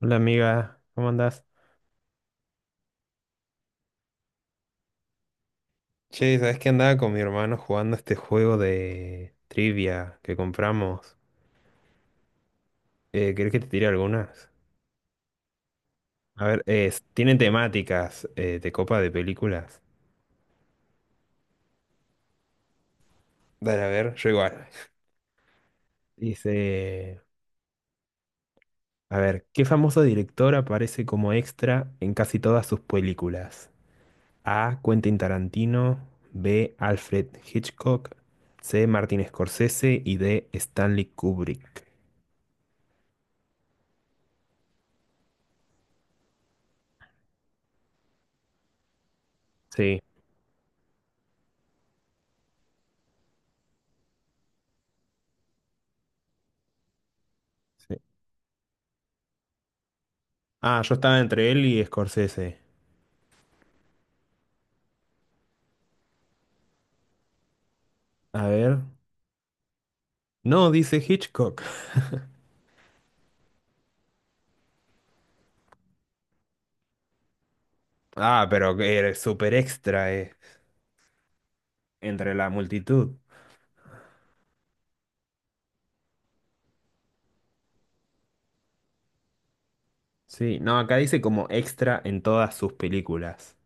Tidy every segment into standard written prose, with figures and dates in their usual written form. Hola amiga, ¿cómo andás? Che, ¿sabés que andaba con mi hermano jugando este juego de trivia que compramos? ¿Querés que te tire algunas? A ver, es, tienen temáticas de copa de películas. Dale, a ver, yo igual. Dice, a ver, ¿qué famoso director aparece como extra en casi todas sus películas? A. Quentin Tarantino, B. Alfred Hitchcock, C. Martin Scorsese y D. Stanley Kubrick. Sí. Sí. Ah, yo estaba entre él y Scorsese. A ver. No, dice Hitchcock. Ah, pero que eres súper extra, entre la multitud. Sí, no, acá dice como extra en todas sus películas.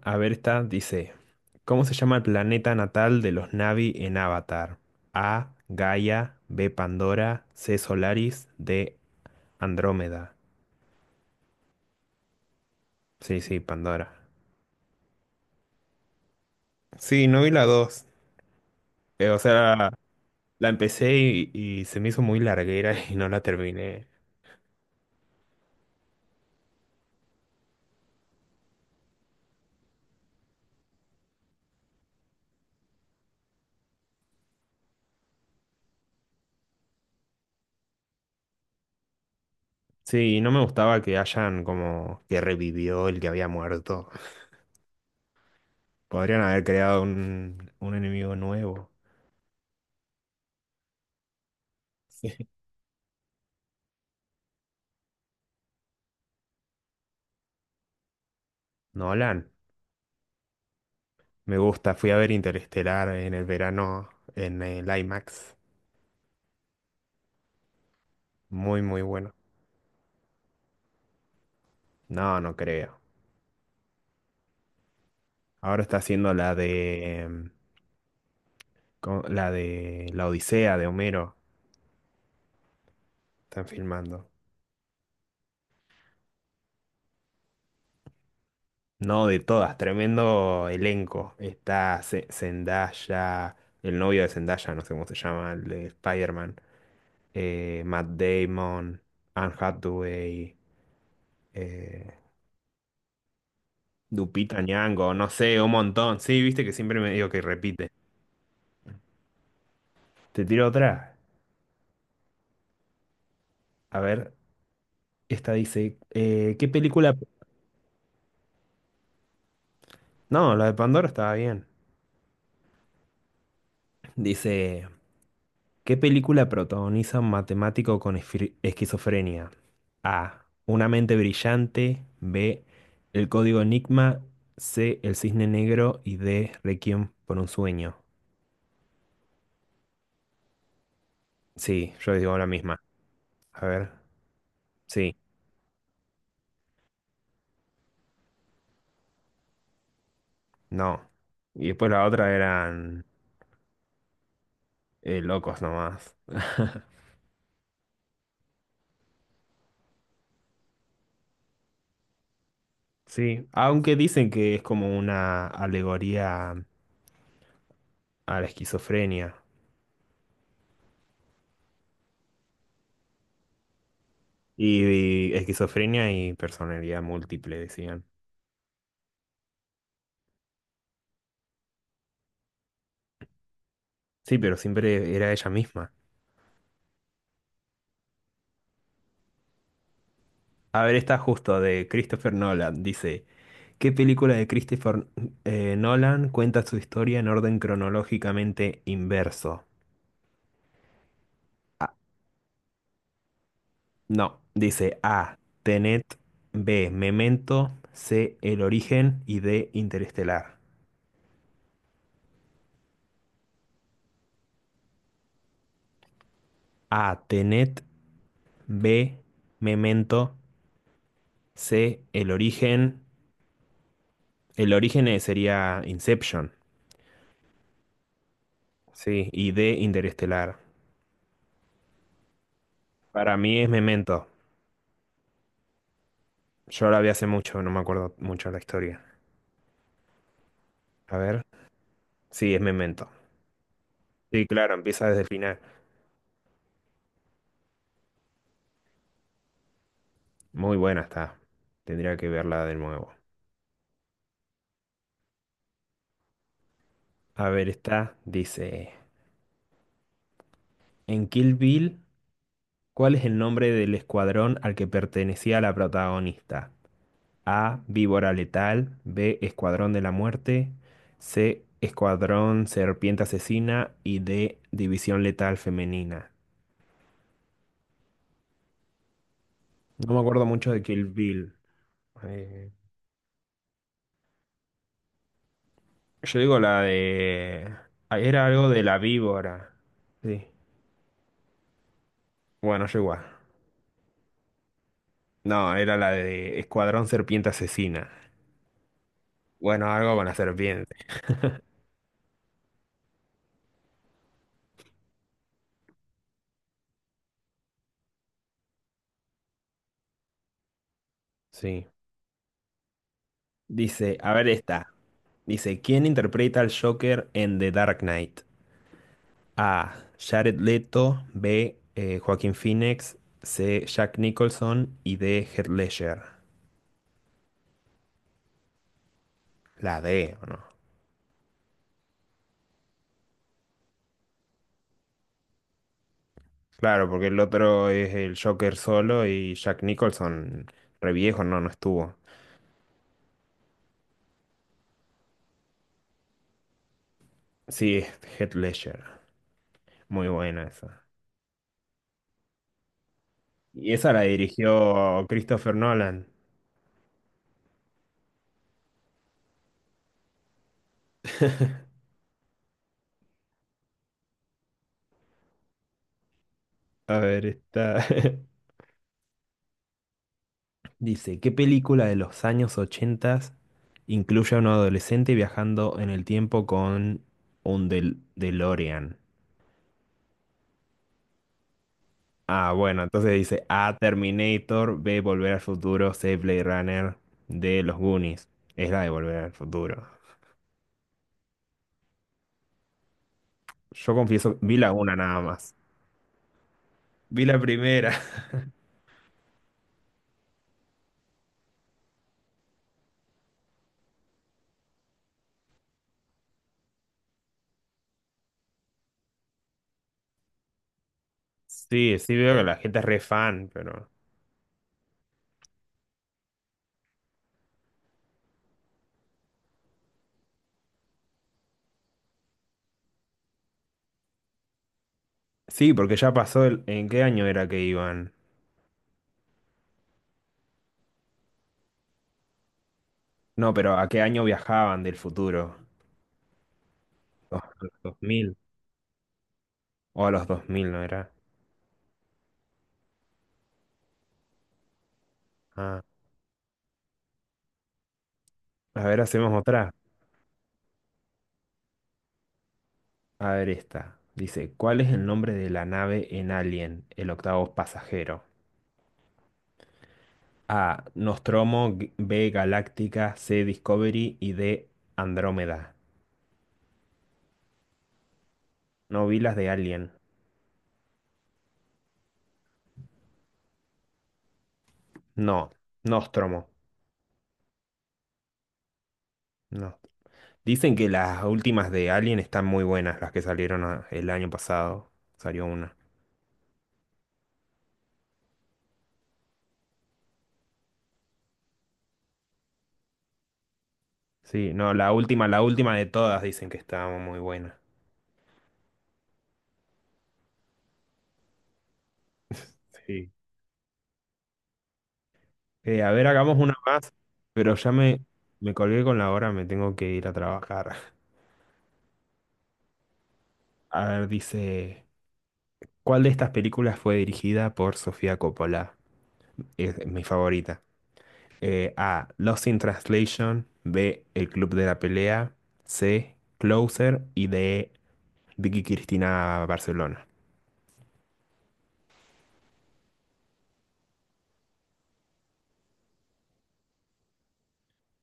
A ver, esta dice, ¿cómo se llama el planeta natal de los Na'vi en Avatar? A, Gaia, B, Pandora, C, Solaris, D, Andrómeda. Sí, sí, Pandora. Sí, no vi la 2. O sea, la empecé y se me hizo muy larguera y no la terminé. Sí, no me gustaba que hayan como que revivió el que había muerto. Podrían haber creado un enemigo nuevo. Sí. Nolan, me gusta. Fui a ver Interestelar en el verano en el IMAX. Muy, muy bueno. No, no creo. Ahora está haciendo la de, la de La Odisea de Homero. Están filmando. No, de todas, tremendo elenco. Está Zendaya, el novio de Zendaya, no sé cómo se llama, el de Spider-Man. Matt Damon, Anne Hathaway, eh, Lupita Nyong'o, no sé, un montón. Sí, viste que siempre me digo que repite. Te tiro otra. A ver, esta dice, ¿qué película? No, la de Pandora estaba bien. Dice, ¿qué película protagoniza un matemático con esquizofrenia? A. Una mente brillante. B. El código Enigma. C. El cisne negro. Y D. Requiem por un sueño. Sí, yo digo la misma. A ver. Sí, no. Y después la otra eran locos nomás. Sí, aunque dicen que es como una alegoría a la esquizofrenia. Y esquizofrenia y personalidad múltiple, decían. Sí, pero siempre era ella misma. A ver, está justo de Christopher Nolan. Dice, ¿qué película de Christopher Nolan cuenta su historia en orden cronológicamente inverso? Ah, no, dice A, Tenet, B, Memento, C, El origen y D, Interestelar. A, Tenet, B, Memento, C, El origen. El origen sería Inception, sí, y D, Interestelar. Para mí es Memento. Yo la vi hace mucho, no me acuerdo mucho la historia. A ver. Sí, es Memento. Sí, claro, empieza desde el final. Muy buena está. Tendría que verla de nuevo. A ver, esta dice, en Kill Bill, ¿cuál es el nombre del escuadrón al que pertenecía la protagonista? A, Víbora Letal, B, Escuadrón de la Muerte, C, Escuadrón Serpiente Asesina y D, División Letal Femenina. No me acuerdo mucho de Kill Bill. Eh, Yo digo la de... Ah, era algo de la víbora. Sí. Bueno, yo igual. No, era la de Escuadrón Serpiente Asesina. Bueno, algo con la serpiente. Sí. Dice, a ver esta. Dice, ¿quién interpreta al Joker en The Dark Knight? A. Jared Leto. B. Joaquín Phoenix. C. Jack Nicholson. Y D. Heath Ledger. La D, ¿o no? Claro, porque el otro es el Joker solo y Jack Nicholson, re viejo, no, no estuvo. Sí, Heath Ledger. Muy buena esa. Y esa la dirigió Christopher Nolan. A ver, está. Dice, ¿qué película de los años 80 incluye a un adolescente viajando en el tiempo con un DeLorean? Ah, bueno, entonces dice A, Terminator, B, Volver al Futuro, C, Blade Runner, D, Los Goonies. Es la de Volver al Futuro. Yo confieso, vi la una nada más. Vi la primera. Sí, sí veo que la gente es re fan, pero... Sí, porque ya pasó el... ¿En qué año era que iban? No, pero ¿a qué año viajaban del futuro? ¿A los 2000? O a los 2000, ¿no era? Ah. A ver, hacemos otra. A ver esta. Dice, ¿cuál es el nombre de la nave en Alien, el octavo pasajero? A. Nostromo, B. Galáctica, C. Discovery y D. Andrómeda. No vi las de Alien. No, Nostromo. No. Dicen que las últimas de Alien están muy buenas, las que salieron ah, el año pasado. Salió una. Sí, no, la última de todas dicen que estaba muy buena. Sí. A ver, hagamos una más, pero ya me colgué con la hora, me tengo que ir a trabajar. A ver, dice, ¿cuál de estas películas fue dirigida por Sofía Coppola? Es mi favorita. A, Lost in Translation, B, El Club de la Pelea, C, Closer y D, Vicky Cristina Barcelona.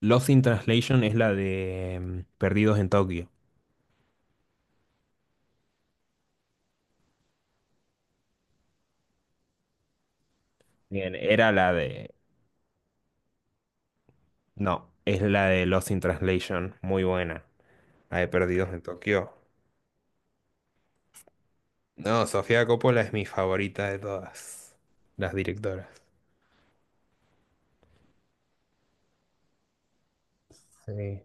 Lost in Translation es la de Perdidos en Tokio. Bien, era la de... No, es la de Lost in Translation, muy buena. La de Perdidos en Tokio. No, Sofía Coppola es mi favorita de todas las directoras. Sí.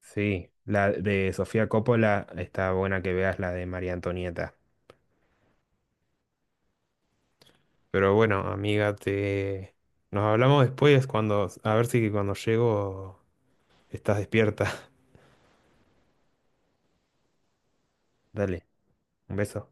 Sí, la de Sofía Coppola está buena que veas la de María Antonieta. Pero bueno, amiga, te nos hablamos después cuando a ver si cuando llego estás despierta. Dale, un beso.